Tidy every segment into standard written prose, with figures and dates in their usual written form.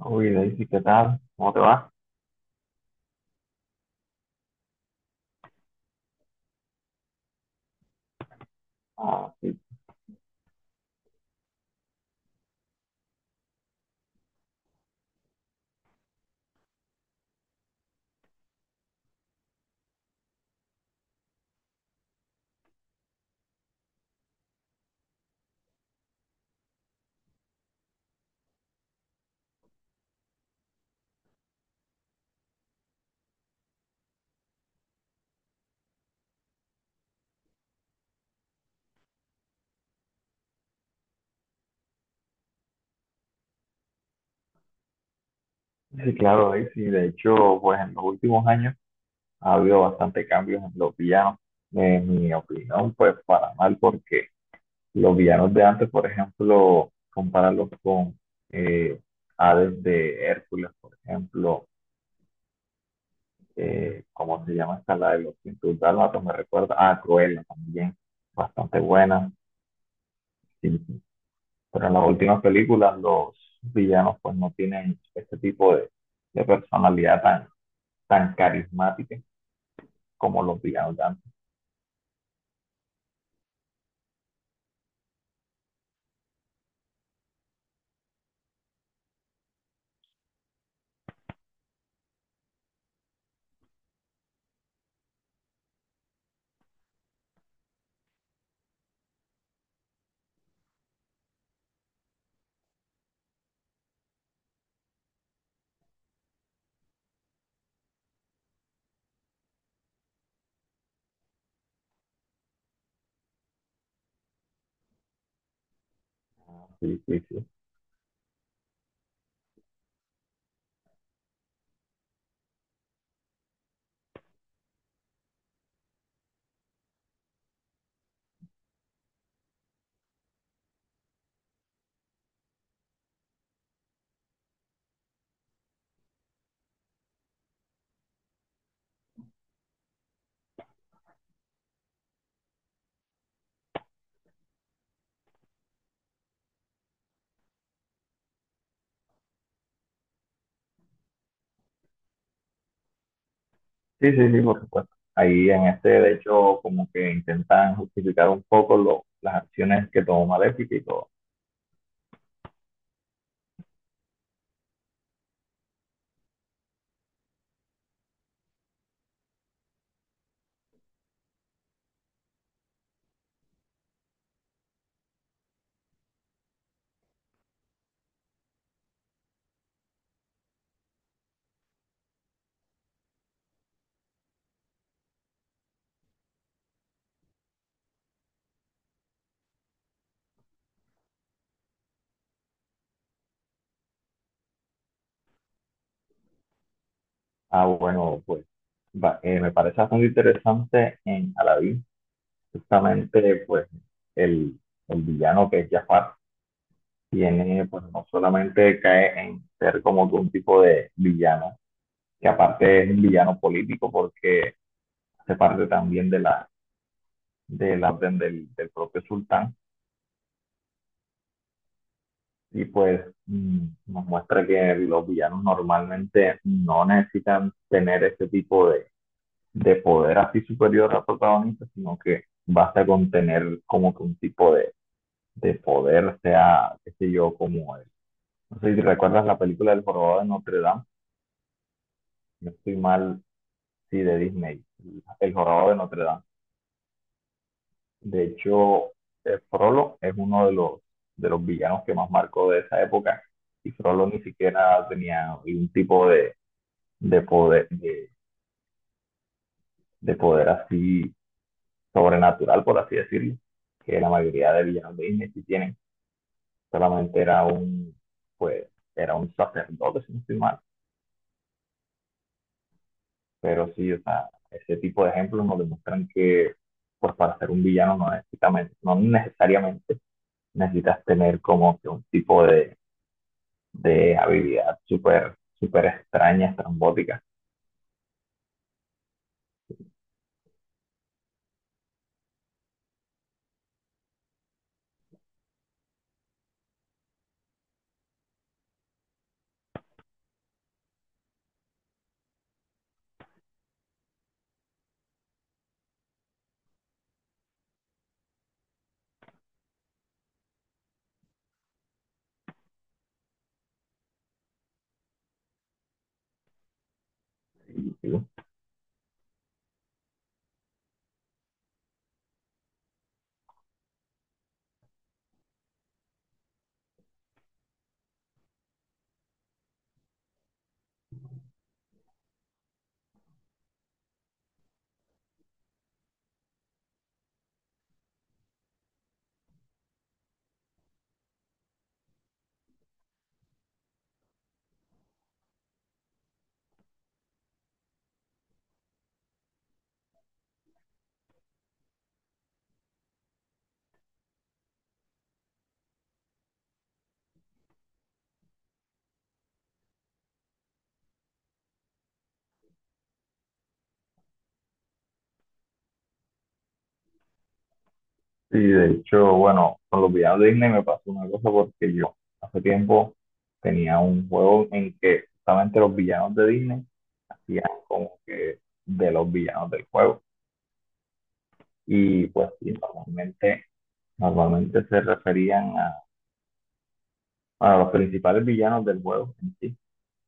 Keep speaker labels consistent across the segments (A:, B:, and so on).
A: Uy, Daisy, ¿qué tal? ¿Cómo te va? Ah, sí, sí, claro, Daisy. De hecho, pues en los últimos años ha habido bastante cambios en los villanos. En mi opinión, pues para mal, porque los villanos de antes, por ejemplo, compararlos con eh, Hades de Hércules, por ejemplo, ¿cómo se llama esta? La de los 100 dálmatas, me recuerda. Ah, Cruella también, bastante buena. Sí, sí. Pero en las últimas películas los villanos pues no tienen este tipo de personalidad tan, tan carismática como los villanos de antes. Sí, sí, sí. Sí, sí, sí, por supuesto. Ahí en este, de hecho, como que intentan justificar un poco lo- las acciones que tomó Maléfica y todo. Ah, bueno, pues me parece bastante interesante en Aladdin, justamente pues el, el villano que es Jafar tiene, pues no solamente cae en ser como que un tipo de villano que aparte es un villano político porque hace parte también de de la orden del propio sultán y pues nos muestra que los villanos normalmente no necesitan tener ese tipo de poder así superior al protagonista, sino que basta con tener como que un tipo de poder, sea, qué sé yo, como el- No sé si recuerdas la película del jorobado de Notre Dame, no estoy mal, sí, de Disney, el jorobado de Notre Dame. De hecho, Frollo es uno de los villanos que más marcó de esa época y Frollo ni siquiera tenía ningún tipo de poder, de, de poder así sobrenatural, por así decirlo, que la mayoría de villanos de Disney sí tienen. Solamente era un, pues, era un sacerdote, si no estoy mal. Pero sí, o sea, ese tipo de ejemplos nos demuestran que, pues, para ser un villano no necesitamente, no necesariamente necesitas tener como que un tipo de habilidad súper, súper extraña, estrambótica. Y, y de hecho, bueno, con los villanos de Disney me pasó una cosa porque yo hace tiempo tenía un juego en que justamente los villanos de Disney hacían como que de los villanos del juego. Y pues sí, normalmente, normalmente se referían a, bueno, los principales villanos del juego en sí.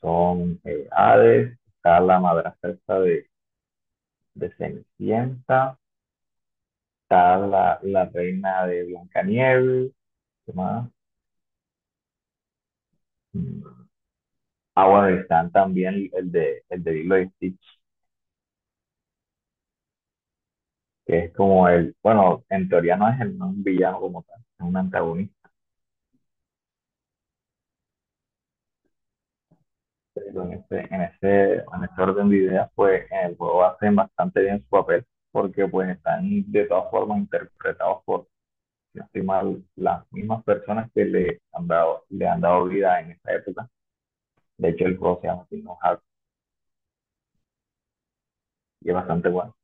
A: Son Hades, está la madrastra esta de Cenicienta. Está la reina de Blancanieves, ¿qué más? Mm. Ah, bueno, y están también el de Lilo y Stitch, que es como el, bueno, en teoría no es, el, no es un villano como tal, es un antagonista, pero en ese, en ese, en ese orden de ideas, pues en el juego hacen bastante bien su papel, porque pues están de todas formas interpretados por si no estoy mal, las mismas personas que le han dado vida en esta época. De hecho, el juego se llama Kingdom Hearts y es bastante bueno.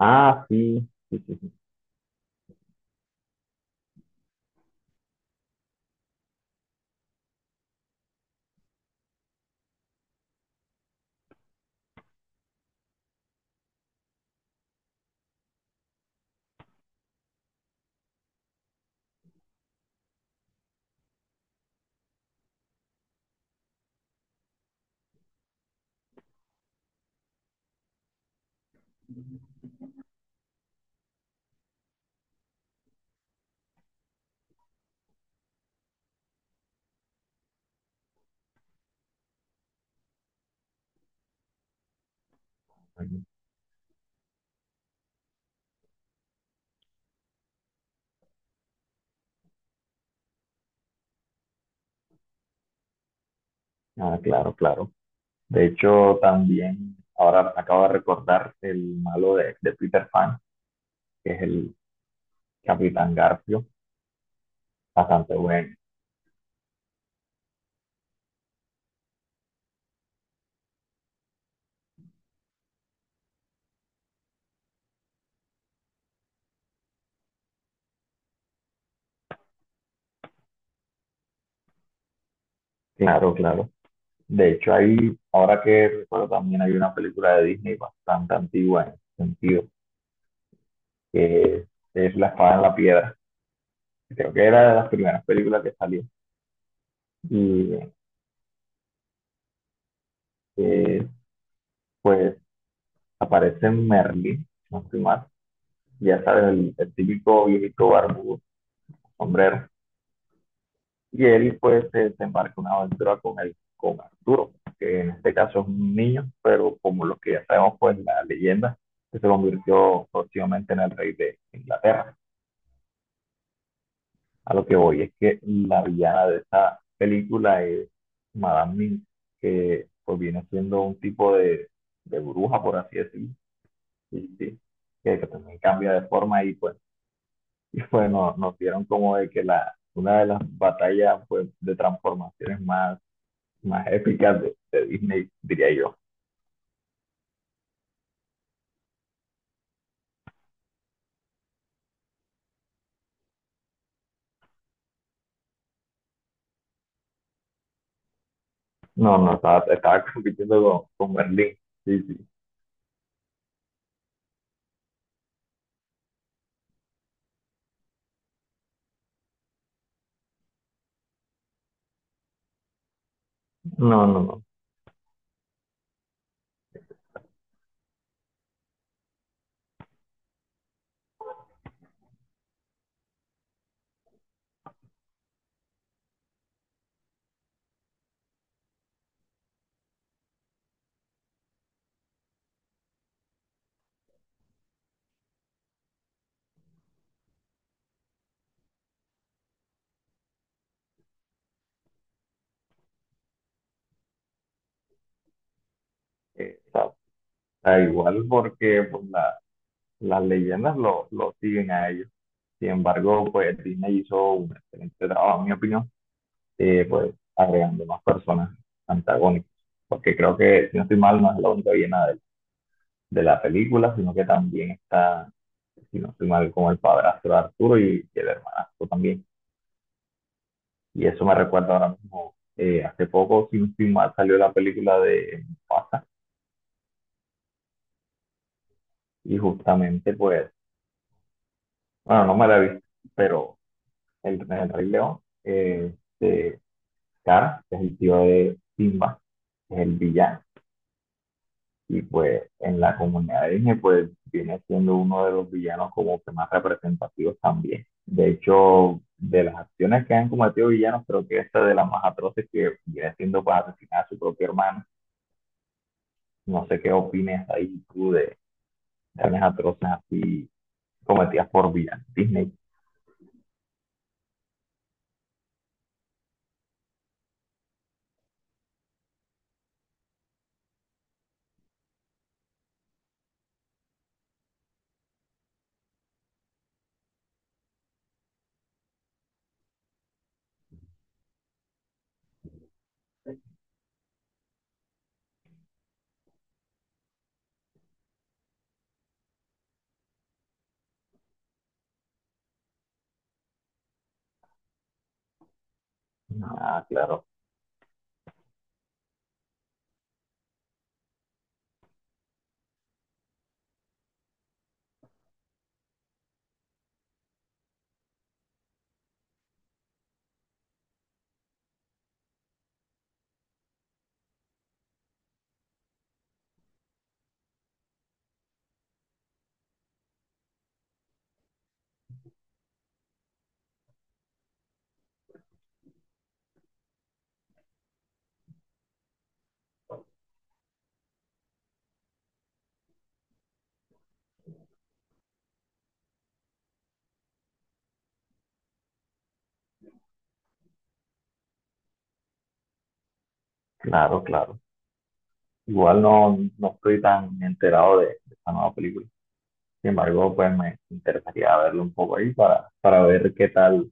A: Ah, sí, sí, sí, sí. Sí. Ah, claro, claro. De hecho, también ahora acabo de recordar el malo de Peter Pan, que es el Capitán Garfio. Bastante bueno. Claro, claro. De hecho, ahí, ahora que recuerdo, también hay una película de Disney bastante antigua en ese sentido, que es La espada en la piedra. Creo que era de las primeras películas que salió. Y eh, pues aparece Merlin, si no estoy mal. Ya sabes, el típico viejito barbudo, sombrero y él pues se embarca una aventura con él, con Arturo, que en este caso es un niño, pero como los que ya sabemos pues la leyenda, que se convirtió próximamente en el rey de Inglaterra. A lo que voy es que la villana de esta película es Madame Mim, que pues viene siendo un tipo de bruja, por así decirlo, sí sí, que, también cambia de forma y pues, y pues nos, nos dieron como de que la, una de las batallas pues, de transformaciones más más épicas de Disney, diría yo. No, no, estaba, estaba compitiendo con Berlín. Sí, sí. No, no, no. Está, está igual porque pues, la- las leyendas lo siguen a ellos. Sin embargo, pues Disney hizo un excelente trabajo, en mi opinión, pues agregando más personas antagónicas. Porque creo que, si no estoy mal, no es la única villana de la película, sino que también está, si no estoy mal, como el padrastro de Arturo y el hermanastro también. Y eso me recuerda ahora mismo, hace poco, sin estoy mal, salió la película de Mufasa y justamente, pues, bueno, no me la he visto, pero el Rey León, de Scar, que es el tío de Simba, que es el villano, y pues en la comunidad de Disney, pues viene siendo uno de los villanos como que más representativos también. De hecho, de las acciones que han cometido villanos, creo que esta es de las más atroces que viene siendo pues asesinar a su propio hermano. No sé qué opinas ahí tú de, Ernest así cometidas por Vía Disney. Ah, claro, claro, claro. Igual no, no estoy tan enterado de esta nueva película. Sin embargo, pues me interesaría verlo un poco ahí para ver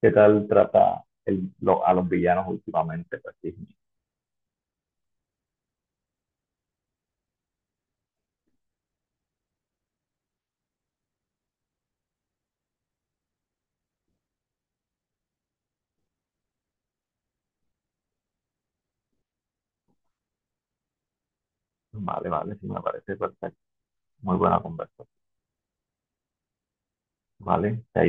A: qué tal trata el- lo- a los villanos últimamente. Pues, Disney. Vale, vale, sí me parece perfecto. Muy buena conversación. Vale, chaito.